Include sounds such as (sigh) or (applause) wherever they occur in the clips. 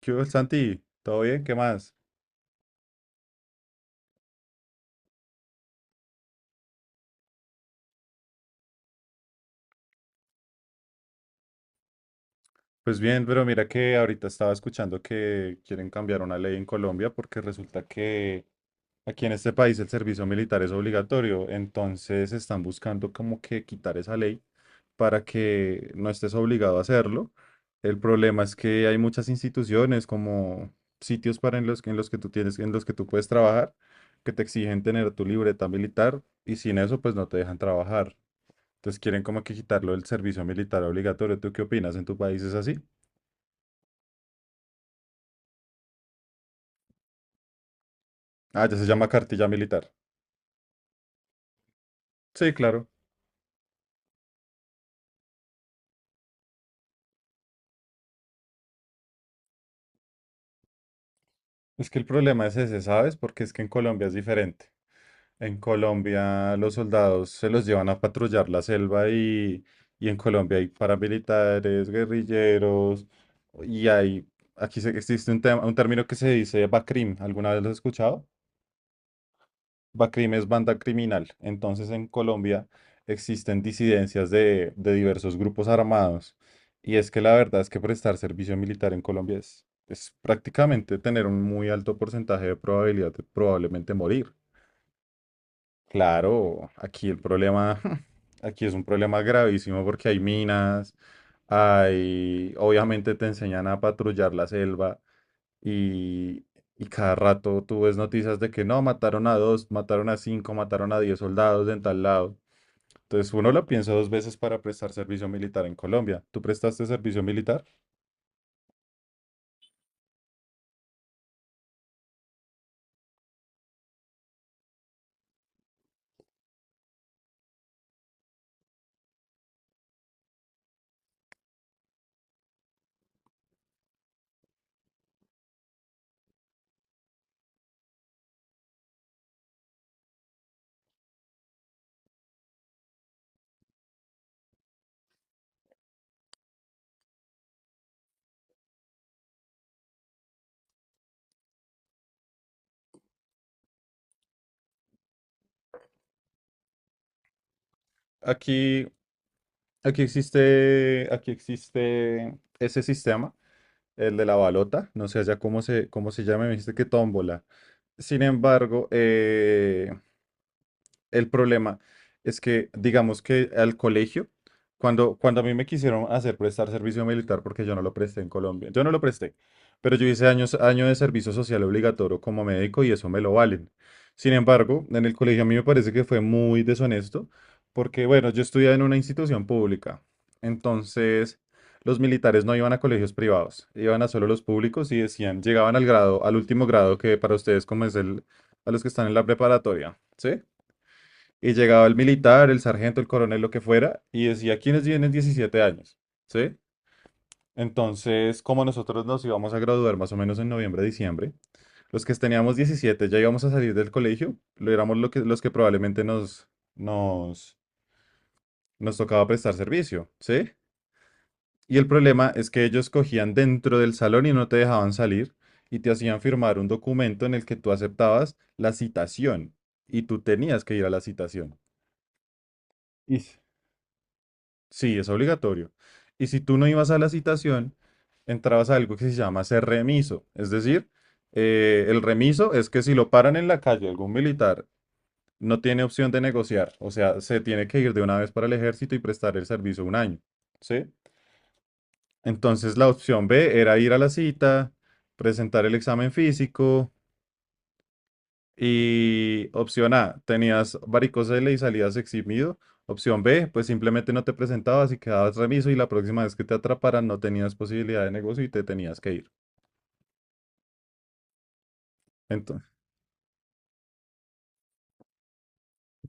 ¿Qué hubo, Santi? ¿Todo bien? ¿Qué más? Pues bien, pero mira que ahorita estaba escuchando que quieren cambiar una ley en Colombia porque resulta que aquí en este país el servicio militar es obligatorio, entonces están buscando como que quitar esa ley para que no estés obligado a hacerlo. El problema es que hay muchas instituciones como sitios para en los que tú tienes, en los que tú puedes trabajar, que te exigen tener tu libreta militar y sin eso pues no te dejan trabajar. Entonces quieren como que quitarlo del servicio militar obligatorio. ¿Tú qué opinas? ¿En tu país es así? Ah, ya se llama cartilla militar. Sí, claro. Es que el problema es ese, ¿sabes? Porque es que en Colombia es diferente. En Colombia los soldados se los llevan a patrullar la selva y en Colombia hay paramilitares, guerrilleros y hay... Aquí existe un tema, un término que se dice BACRIM. ¿Alguna vez lo has escuchado? Bacrim es banda criminal. Entonces en Colombia existen disidencias de diversos grupos armados. Y es que la verdad es que prestar servicio militar en Colombia es prácticamente tener un muy alto porcentaje de probabilidad de probablemente morir. Claro, aquí el problema, (laughs) aquí es un problema gravísimo porque hay minas, hay, obviamente te enseñan a patrullar la selva. Y, y cada rato tú ves noticias de que no, mataron a dos, mataron a cinco, mataron a diez soldados en tal lado. Entonces uno lo piensa dos veces para prestar servicio militar en Colombia. ¿Tú prestaste servicio militar? Aquí, aquí existe ese sistema, el de la balota. No sé allá cómo se llama, me dijiste que tómbola. Sin embargo, el problema es que, digamos que al colegio, cuando a mí me quisieron hacer prestar servicio militar, porque yo no lo presté en Colombia, yo no lo presté, pero yo hice año de servicio social obligatorio como médico y eso me lo valen. Sin embargo, en el colegio a mí me parece que fue muy deshonesto, porque bueno, yo estudiaba en una institución pública, entonces los militares no iban a colegios privados, iban a solo los públicos y decían, llegaban al último grado que para ustedes como es el, a los que están en la preparatoria, ¿sí? Y llegaba el militar, el sargento, el coronel, lo que fuera, y decía, ¿quiénes tienen 17 años? ¿Sí? Entonces, como nosotros nos íbamos a graduar más o menos en noviembre, diciembre, los que teníamos 17 ya íbamos a salir del colegio, lo éramos lo que, los que probablemente nos, nos tocaba prestar servicio, ¿sí? Y el problema es que ellos cogían dentro del salón y no te dejaban salir y te hacían firmar un documento en el que tú aceptabas la citación y tú tenías que ir a la citación. Ish. Sí, es obligatorio. Y si tú no ibas a la citación, entrabas a algo que se llama ser remiso. Es decir, el remiso es que si lo paran en la calle algún militar, no tiene opción de negociar. O sea, se tiene que ir de una vez para el ejército y prestar el servicio un año. ¿Sí? Entonces la opción B era ir a la cita, presentar el examen físico, y opción A, tenías varicocele y salías eximido. Opción B, pues simplemente no te presentabas y quedabas remiso y la próxima vez que te atraparan no tenías posibilidad de negocio y te tenías que ir. Entonces,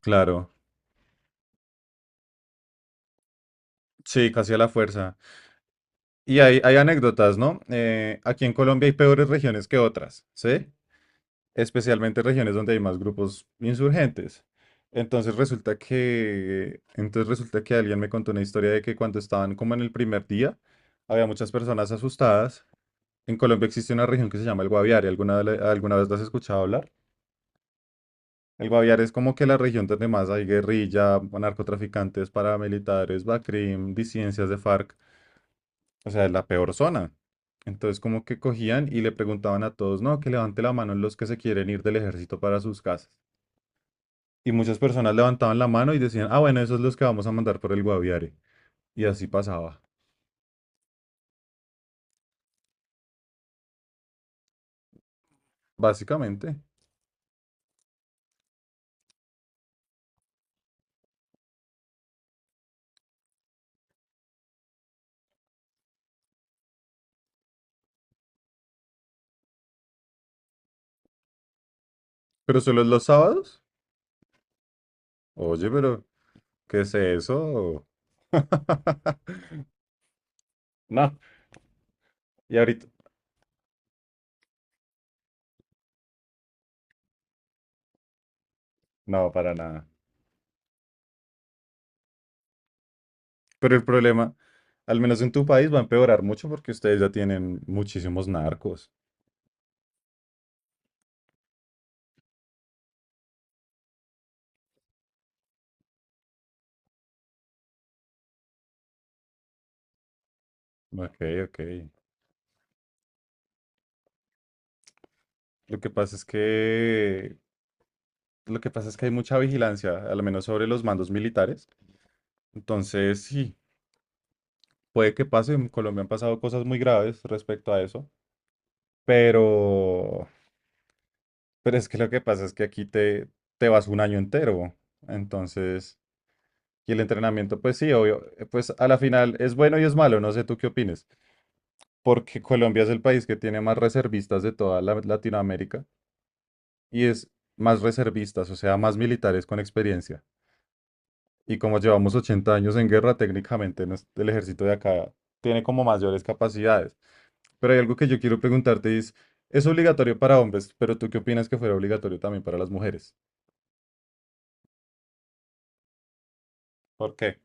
claro, sí, casi a la fuerza. Y hay anécdotas, ¿no? Aquí en Colombia hay peores regiones que otras, ¿sí? Especialmente regiones donde hay más grupos insurgentes. Entonces resulta que alguien me contó una historia de que cuando estaban como en el primer día, había muchas personas asustadas. En Colombia existe una región que se llama el Guaviare. ¿Alguna vez la has escuchado hablar? El Guaviare es como que la región donde más hay guerrilla, narcotraficantes, paramilitares, BACRIM, disidencias de FARC. O sea, es la peor zona. Entonces, como que cogían y le preguntaban a todos, no, que levante la mano los que se quieren ir del ejército para sus casas. Y muchas personas levantaban la mano y decían, ah, bueno, esos los que vamos a mandar por el Guaviare. Y así pasaba, básicamente. Pero solo es los sábados. Oye, pero, ¿qué es eso? (laughs) No, y ahorita, no, para nada. Pero el problema, al menos en tu país, va a empeorar mucho porque ustedes ya tienen muchísimos narcos. Ok, ok. Lo que pasa es que, lo que pasa es que hay mucha vigilancia, al menos sobre los mandos militares. Entonces, sí, puede que pase. En Colombia han pasado cosas muy graves respecto a eso. Pero, pero es que lo que pasa es que aquí te vas un año entero. Entonces, y el entrenamiento, pues sí, obvio, pues a la final es bueno y es malo. No sé tú qué opines, porque Colombia es el país que tiene más reservistas de toda Latinoamérica y es más reservistas, o sea, más militares con experiencia. Y como llevamos 80 años en guerra, técnicamente el ejército de acá tiene como mayores capacidades. Pero hay algo que yo quiero preguntarte y es obligatorio para hombres, pero ¿tú qué opinas que fuera obligatorio también para las mujeres? ¿Por qué?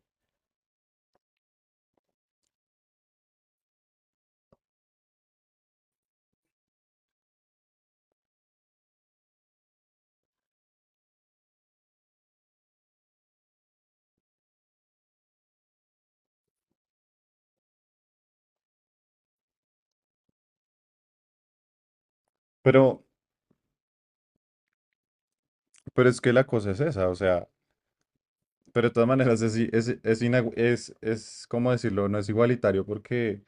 Pero, pero es que la cosa es esa, o sea, pero de todas maneras es, ¿cómo decirlo? No es igualitario porque...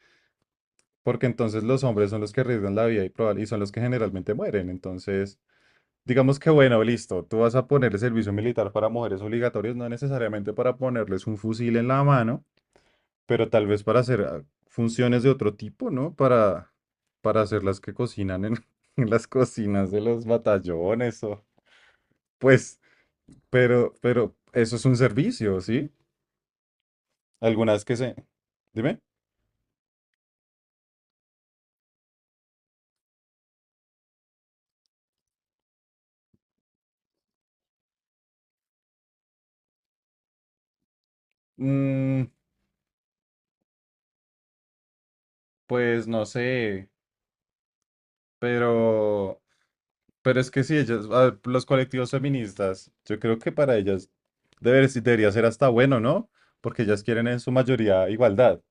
porque entonces los hombres son los que arriesgan la vida y, probable, y son los que generalmente mueren. Entonces, digamos que bueno, listo, tú vas a poner el servicio militar para mujeres obligatorios, no necesariamente para ponerles un fusil en la mano, pero tal vez para hacer funciones de otro tipo, ¿no? Para hacer las que cocinan en, (laughs) en las cocinas de los batallones o pues, pero eso es un servicio, ¿sí? Algunas que se... Dime. Mm, pues no sé, pero... Pero es que sí, ellas, a ver, los colectivos feministas, yo creo que para ellas sí debería ser hasta bueno, ¿no? Porque ellas quieren en su mayoría igualdad.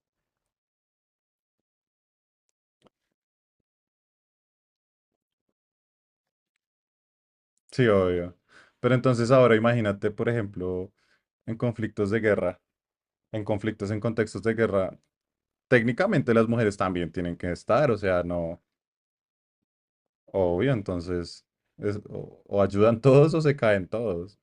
Sí, obvio. Pero entonces ahora imagínate, por ejemplo, en conflictos de guerra, en conflictos en contextos de guerra, técnicamente las mujeres también tienen que estar, o sea, no, obvio, entonces o ayudan todos o se caen todos.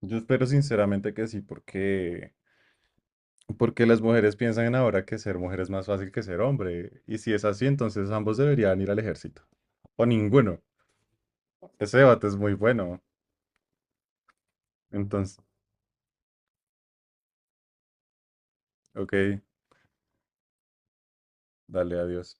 Yo espero sinceramente que sí, porque... Porque las mujeres piensan ahora que ser mujer es más fácil que ser hombre. Y si es así, entonces ambos deberían ir al ejército. O ninguno. Ese debate es muy bueno. Entonces, ok, dale, adiós.